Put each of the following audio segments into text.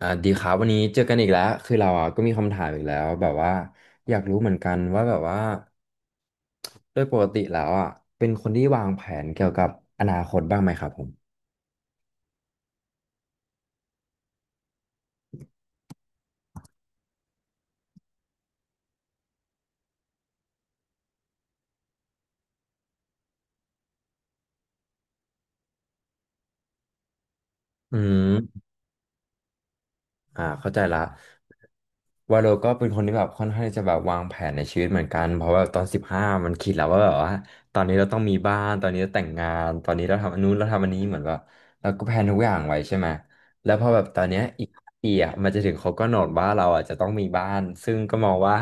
ดีครับวันนี้เจอกันอีกแล้วคือเราอ่ะก็มีคำถามอีกแล้วแบบว่าอยากรู้เหมือนกันว่าแบบว่าโดยปกติแล้วอ่ะเป็นคนที่วางแผนเกี่ยวกับอนาคตบ้างไหมครับผมอืม อ่าเข้าใจละวาโลก็เป็นคนที่แบบค่อนข้างที่จะแบบวางแผนในชีวิตเหมือนกันเพราะว่าตอนสิบห้ามันคิดแล้วว่าแบบว่าตอนนี้เราต้องมีบ้านตอนนี้เราแต่งงานตอนนี้เราทำอันนู้นเราทำอันนี้เหมือนแบบเราก็แพลนทุกอย่างไว้ใช่ไหมแล้วพอแบบตอนเนี้ยอีก5 ปีอ่ะมันจะถึงเขาก็กำหนดว่าเราอ่ะจะต้องมีบ้านซึ่งก็มองว่า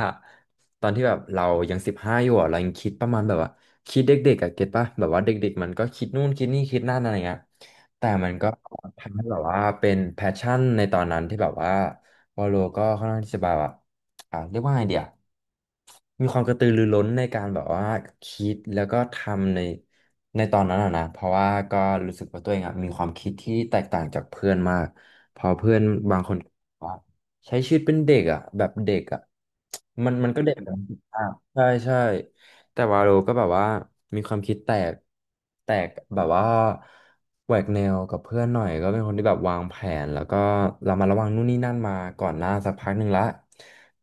ตอนที่แบบเรายังสิบห้าอยู่อ่ะเรายังคิดประมาณแบบว่าคิดเด็กๆอ่ะเก็ตป่ะแบบว่าเด็กๆมันก็คิดนู่นคิดนี่คิดนั่นอะไรเงี้ย แต่มันก็ทำให้แบบว่าเป็นแพชชั่นในตอนนั้นที่แบบว่าวอลโลก็ค่อนข้างที่จะแบบว่าเรียกว่าไงเดียมีความกระตือรือร้นในการแบบว่าคิดแล้วก็ทำในตอนนั้นอะนะเพราะว่าก็รู้สึกว่าตัวเองอะมีความคิดที่แตกต่างจากเพื่อนมากเพื่อนบางคนว่าใช้ชีวิตเป็นเด็กอ่ะแบบเด็กอ่ะมันก็เด็กนะอ่ะใช่ใช่ แต่วาโลก็แบบว่ามีความคิดแตกแบบว่าแหวกแนวกับเพื่อนหน่อยก็เป็นคนที่แบบวางแผนแล้วก็เรามาระวังนู่นนี่นั่นมาก่อนหน้าสักพักหนึ่งละ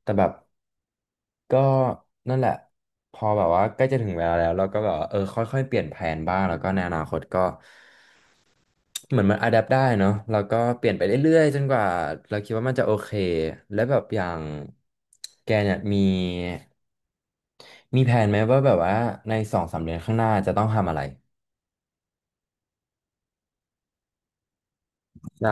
แต่แบบก็นั่นแหละพอแบบว่าใกล้จะถึงเวลาแล้วเราก็แบบว่าเออค่อยๆเปลี่ยนแผนบ้างแล้วก็ในอนาคตก็เหมือนมันอะแดปได้เนาะแล้วก็เปลี่ยนไปเรื่อยๆจนกว่าเราคิดว่ามันจะโอเคและแบบอย่างแกเนี่ยมีแผนไหมว่าแบบว่าในสองสามเดือนข้างหน้าจะต้องทำอะไรใช่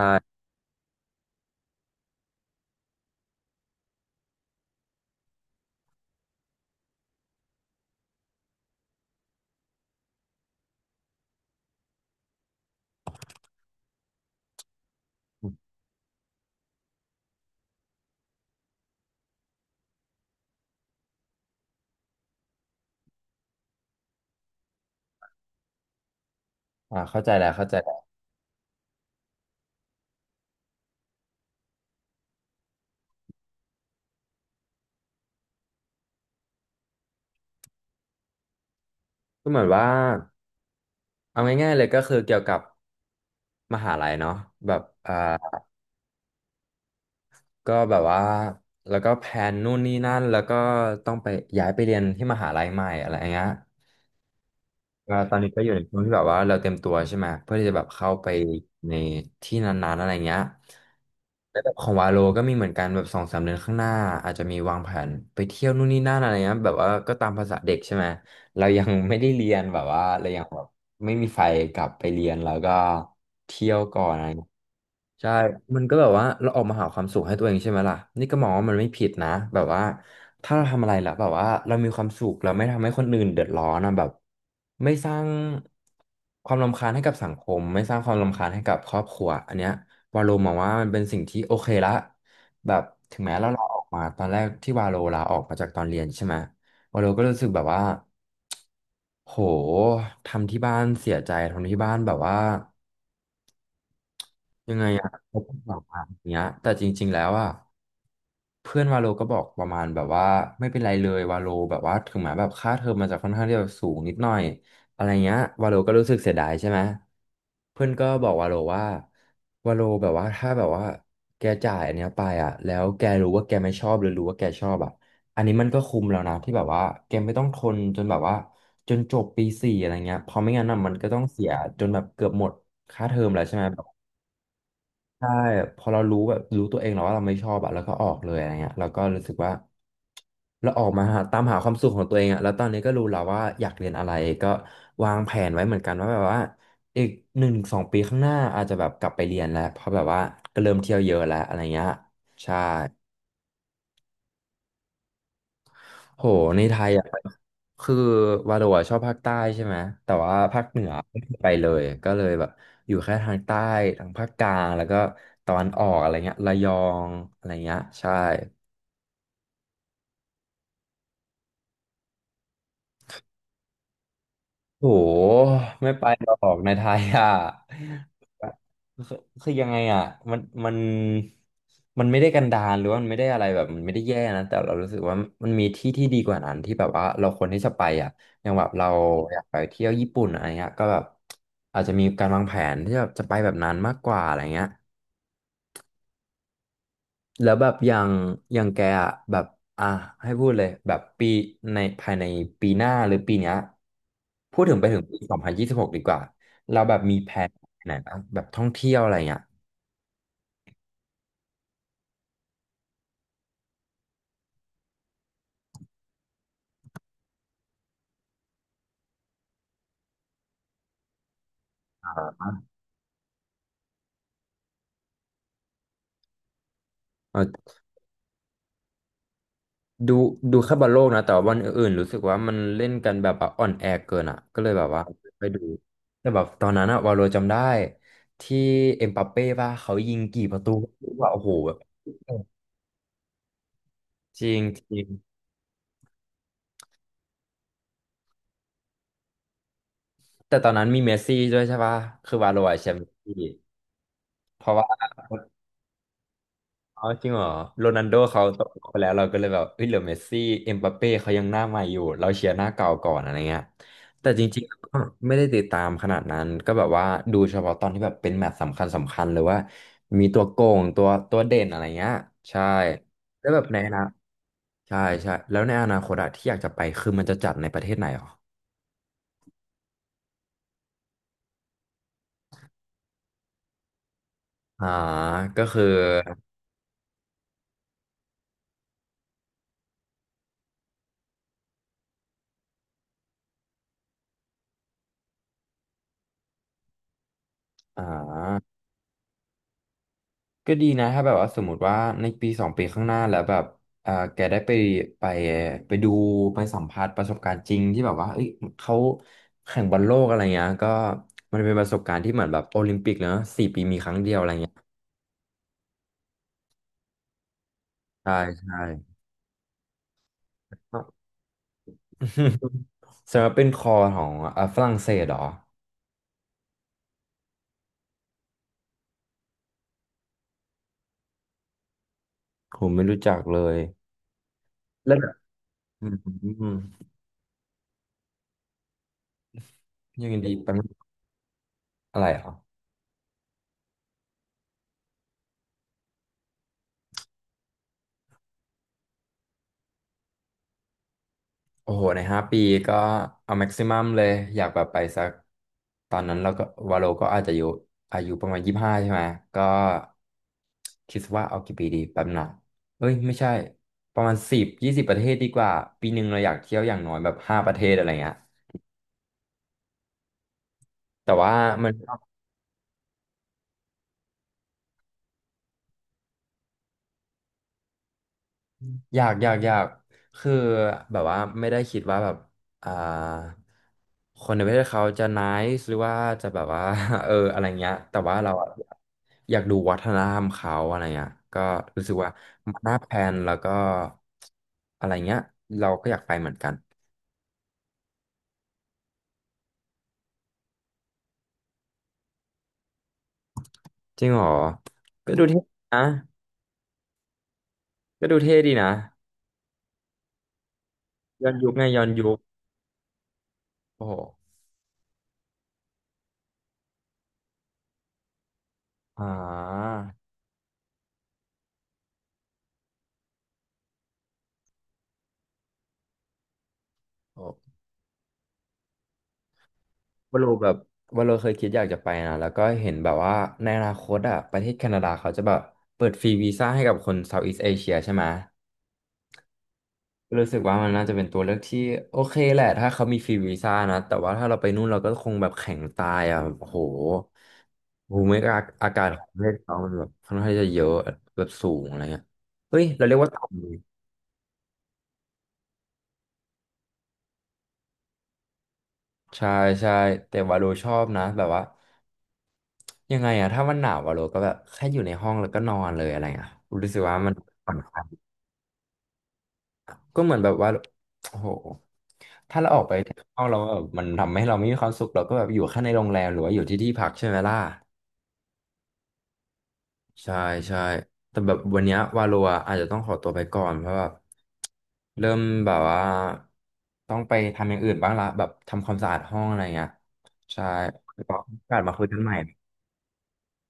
อ่าเข้าใจแล้วเข้าใจแล้วก็เหมือนว่าเอาง่ายๆเลยก็คือเกี่ยวกับมหาลัยเนาะแบบอ่าก็แบบว่าแล้วก็แพนนู่นนี่นั่นแล้วก็ต้องไปย้ายไปเรียนที่มหาลัยใหม่อะไรอย่างเงี้ย ก็ตอนนี้ก็อยู่ในช่วงที่แบบว่าเราเตรียมตัวใช่ไหมเพื่อที่จะแบบเข้าไปในที่นานๆอะไรเงี้ยแล้วแบบของวาโลก็มีเหมือนกันแบบสองสามเดือนข้างหน้าอาจจะมีวางแผนไปเที่ยวนู่นนี่นั่นอะไรเงี้ยแบบว่าก็ตามภาษาเด็กใช่ไหม เรายังไม่ได้เรียนแบบว่าเรายังแบบไม่มีไฟกลับไปเรียนแล้วก็เที่ยวก่อนอะไรเงี้ยใช่มันก็แบบว่าเราออกมาหาความสุขให้ตัวเองใช่ไหมล่ะนี่ก็มองว่ามันไม่ผิดนะแบบว่าถ้าเราทำอะไรแล้วแบบว่าเรามีความสุขเราไม่ทำให้คนอื่นเดือดร้อนนะแบบไม่สร้างความรำคาญให้กับสังคมไม่สร้างความรำคาญให้กับครอบครัวอันเนี้ยวาโลมองว่ามันเป็นสิ่งที่โอเคละแบบถึงแม้เราลาออกมาตอนแรกที่วาโลลาออกมาจากตอนเรียนใช่ไหม วาโลก็รู้สึกแบบว่าโหทำที่บ้านเสียใจทำที่บ้านแบบว่ายังไงอะเขาพูดแบบเนี้ยแต่จริงๆแล้วอะ เพื่อนวาโลก็บอกประมาณแบบว่าไม่เป็นไรเลยวาโลแบบว่าถึงแม้แบบค่าเทอมมันจะค่อนข้างที่จะสูงนิดหน่อยอะไรเงี้ยวาโลก็รู้สึกเสียดายใช่ไหมเพื่อนก็บอกวาโลว่าวาโลแบบว่าถ้าแบบว่าแกจ่ายอันเนี้ยไปอ่ะแล้วแกรู้ว่าแกไม่ชอบหรือรู้ว่าแกชอบอ่ะอันนี้มันก็คุ้มแล้วนะที่แบบว่าแกไม่ต้องทนจนแบบว่าจนจบปี 4อะไรเงี้ยเพราะไม่งั้นน่ะมันก็ต้องเสียจนแบบเกือบหมดค่าเทอมแล้วใช่ไหม ใช่พอเรารู้แบบรู้ตัวเองแล้วว่าเราไม่ชอบอะแล้วก็ออกเลยอะไรเงี้ยเราก็รู้สึกว่าเราออกมาหาตามหาความสุขของตัวเองอะแล้วตอนนี้ก็รู้แล้วว่าอยากเรียนอะไรก็วางแผนไว้เหมือนกันว่าแบบว่าอีก1-2 ปีข้างหน้าอาจจะแบบกลับไปเรียนแล้วเพราะแบบว่าก็เริ่มเที่ยวเยอะแล้วอะไรเงี้ยใช่ โหในไทยอ่ะคือวาโรอะชอบภาคใต้ใช่ไหมแต่ว่าภาคเหนือไม่เคยไปเลยก็เลยแบบอยู่แค่ทางใต้ทางภาคกลางแล้วก็ตอนออกอะไรเงี้ยระยองอะไรเงี้ยใช่ โอ้โหไม่ไปหรอกในไทยอ่ะคือคือยังไงอ่ะมันมันไม่ได้กันดารหรือว่ามันไม่ได้อะไรแบบมันไม่ได้แย่นะแต่เรารู้สึกว่ามันมีที่ที่ดีกว่านั้นที่แบบว่าเราควรที่จะไปอ่ะอย่างแบบเราอยากไปเที่ยวญี่ปุ่นอะไรเงี้ยก็แบบอาจจะมีการวางแผนที่แบบจะไปแบบนั้นมากกว่าอะไรเงี้ย แล้วแบบอย่างอย่างแกอะแบบอ่ะให้พูดเลยแบบปีในภายในปีหน้าหรือปีเนี้ยพูดถึงไปถึงปี 2026ดีกว่าเราแบบมีแผนไหนนะแบบท่องเที่ยวอะไรเงี้ยเออดูดูแค่บอลโลกนะแต่ว่าวันอื่นๆรู้สึกว่ามันเล่นกันแบบว่าอ่อนแอเกินอ่ะก็เลยแบบว่าไปดูแต่แบบตอนนั้นอะวาโลจำได้ที่เอ็มบัปเป้ป่ะเขายิงกี่ประตูว่าโอ้โหแบบจริงจริง แต่ตอนนั้นมีเมสซี่ด้วยใช่ปะคือวาโลอะแชมป์เมสซี่เพราะว่าเอาจริงเหรอโรนัลโดเขาตกไปแล้วเราก็เลยแบบเอ้ยเหลือเมสซี่เอ็มบัปเป้เขายังหน้าใหม่อยู่เราเชียร์หน้าเก่าก่อนอะไรเงี้ยแต่จริงๆก็ไม่ได้ติดตามขนาดนั้นก็แบบว่าดูเฉพาะตอนที่แบบเป็นแมตช์สำคัญสำคัญหรือว่ามีตัวโกงตัวเด่นอะไรเงี้ยใช่แล้วแบบในอนาใช่ใช่แล้วในอนาคตอะที่อยากจะไปคือมันจะจัดในประเทศไหนหรออ่าก็คืออ่า ก็ดีนะถ้าแบบว่าสมมติว่าในปีสองปีข้างหน้าแล้วแบบเอ่าแกได้ไปไปไปดูไปสัมผัสประสบการณ์จริงที่แบบว่าเอ้ยเขาแข่งบอลโลกอะไรเงี้ยก็มันเป็นประสบการณ์ที่เหมือนแบบโอลิมปิกเนอะ4 ปีมีครั้งเดียวอะไรเงี้ยใช่ใช่ ครับ สำหรับเป็นคอของเอ่าฝรั่งเศสเหรอผมไม่รู้จักเลยแล้วแบบอืมอย่างดีเป็นอะไรเหรอ โอ้โหใน5 ปีก็เอาแม็กซิมัมเลยอยากแบบไปสักตอนนั้นเราก็วาโลก็อาจจะอยู่อายุประมาณ25ใช่ไหมก็คิดว่าเอากี่ปีดีแป๊บหนึงเอ้ยไม่ใช่ประมาณ10-20ประเทศดีกว่าปีหนึ่งเราอยากเที่ยวอย่างน้อยแบบ5 ประเทศอะไรเงี้ยแต่ว่ามัน อยากคือแบบว่าไม่ได้คิดว่าแบบอ่าคนในประเทศเขาจะ n i า e หรือว่าจะแบบว่า เอออะไรเงี้ยแต่ว่าเราอะอยากดูวัฒนธรรมเขาอะไรเงี้ยก็รู้สึกว่ามันน่าแพลนแล้วก็อะไรเงี้ยเราก็อยากไปเหมือนกันจริงเหรอก็ดูเท่นะก็ดูเท่ดีนะย้อนยุคไงย้อนยุคโอ้โหอ่า ว่าโลแบบว่าโลเคยคิดอยากจะไปนะแล้วก็เห็นแบบว่าในอนาคตอ่ะประเทศแคนาดาเขาจะแบบเปิดฟรีวีซ่าให้กับคนเซาท์อีส t ์เอเชียใช่ไหมก็รู้สึกว่ามันน่าจะเป็นตัวเลือกที่โอเคแหละถ้าเขามีฟรีวีซ่านะแต่ว่าถ้าเราไปนู่นเราก็คงแบบแข็งตายอ่ะโอ้โหภูมิอากาศของประเทศเขามันแบบค่อนข้างจะเยอะแบบสูงอะไรเงี้ยเฮ้ยเราเรียกว่าต่ำเลยใช่ใช่แต่ว่าโลชอบนะแบบว่า ยังไงอะถ้ามันหนาวอะโลก็แบบแค่อยู่ในห้องแล้วก็นอนเลยอะไรอะรู้สึกว่ามันผ่อนคลายก็เหมือนแบบว่าโอ้โหถ้าเราออกไปข้างนอกเราแบบมันทำให้เราไม่มีความสุขเราก็แบบอยู่แค่ในโรงแรมหรือว่าอยู่ที่ที่พักใช่ไหมล่ะใช่ใช่แต่แบบวันเนี้ยวาโลอะอาจจะต้องขอตัวไปก่อนเพราะแบบเริ่มแบบว่าต้องไปทำอย่างอื่นบ้างละแบบทำความสะอาดห้องอะไรเงี้ยใช่แล้วก็โอกาสมาคุยกันใหม่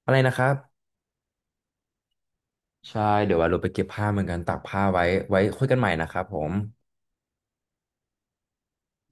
อะไรนะครับ ใช่ เดี๋ยวว่าเราไปเก็บผ้าเหมือนกันตากผ้าไว้ ไว้คุยกันใหม่นะครับผม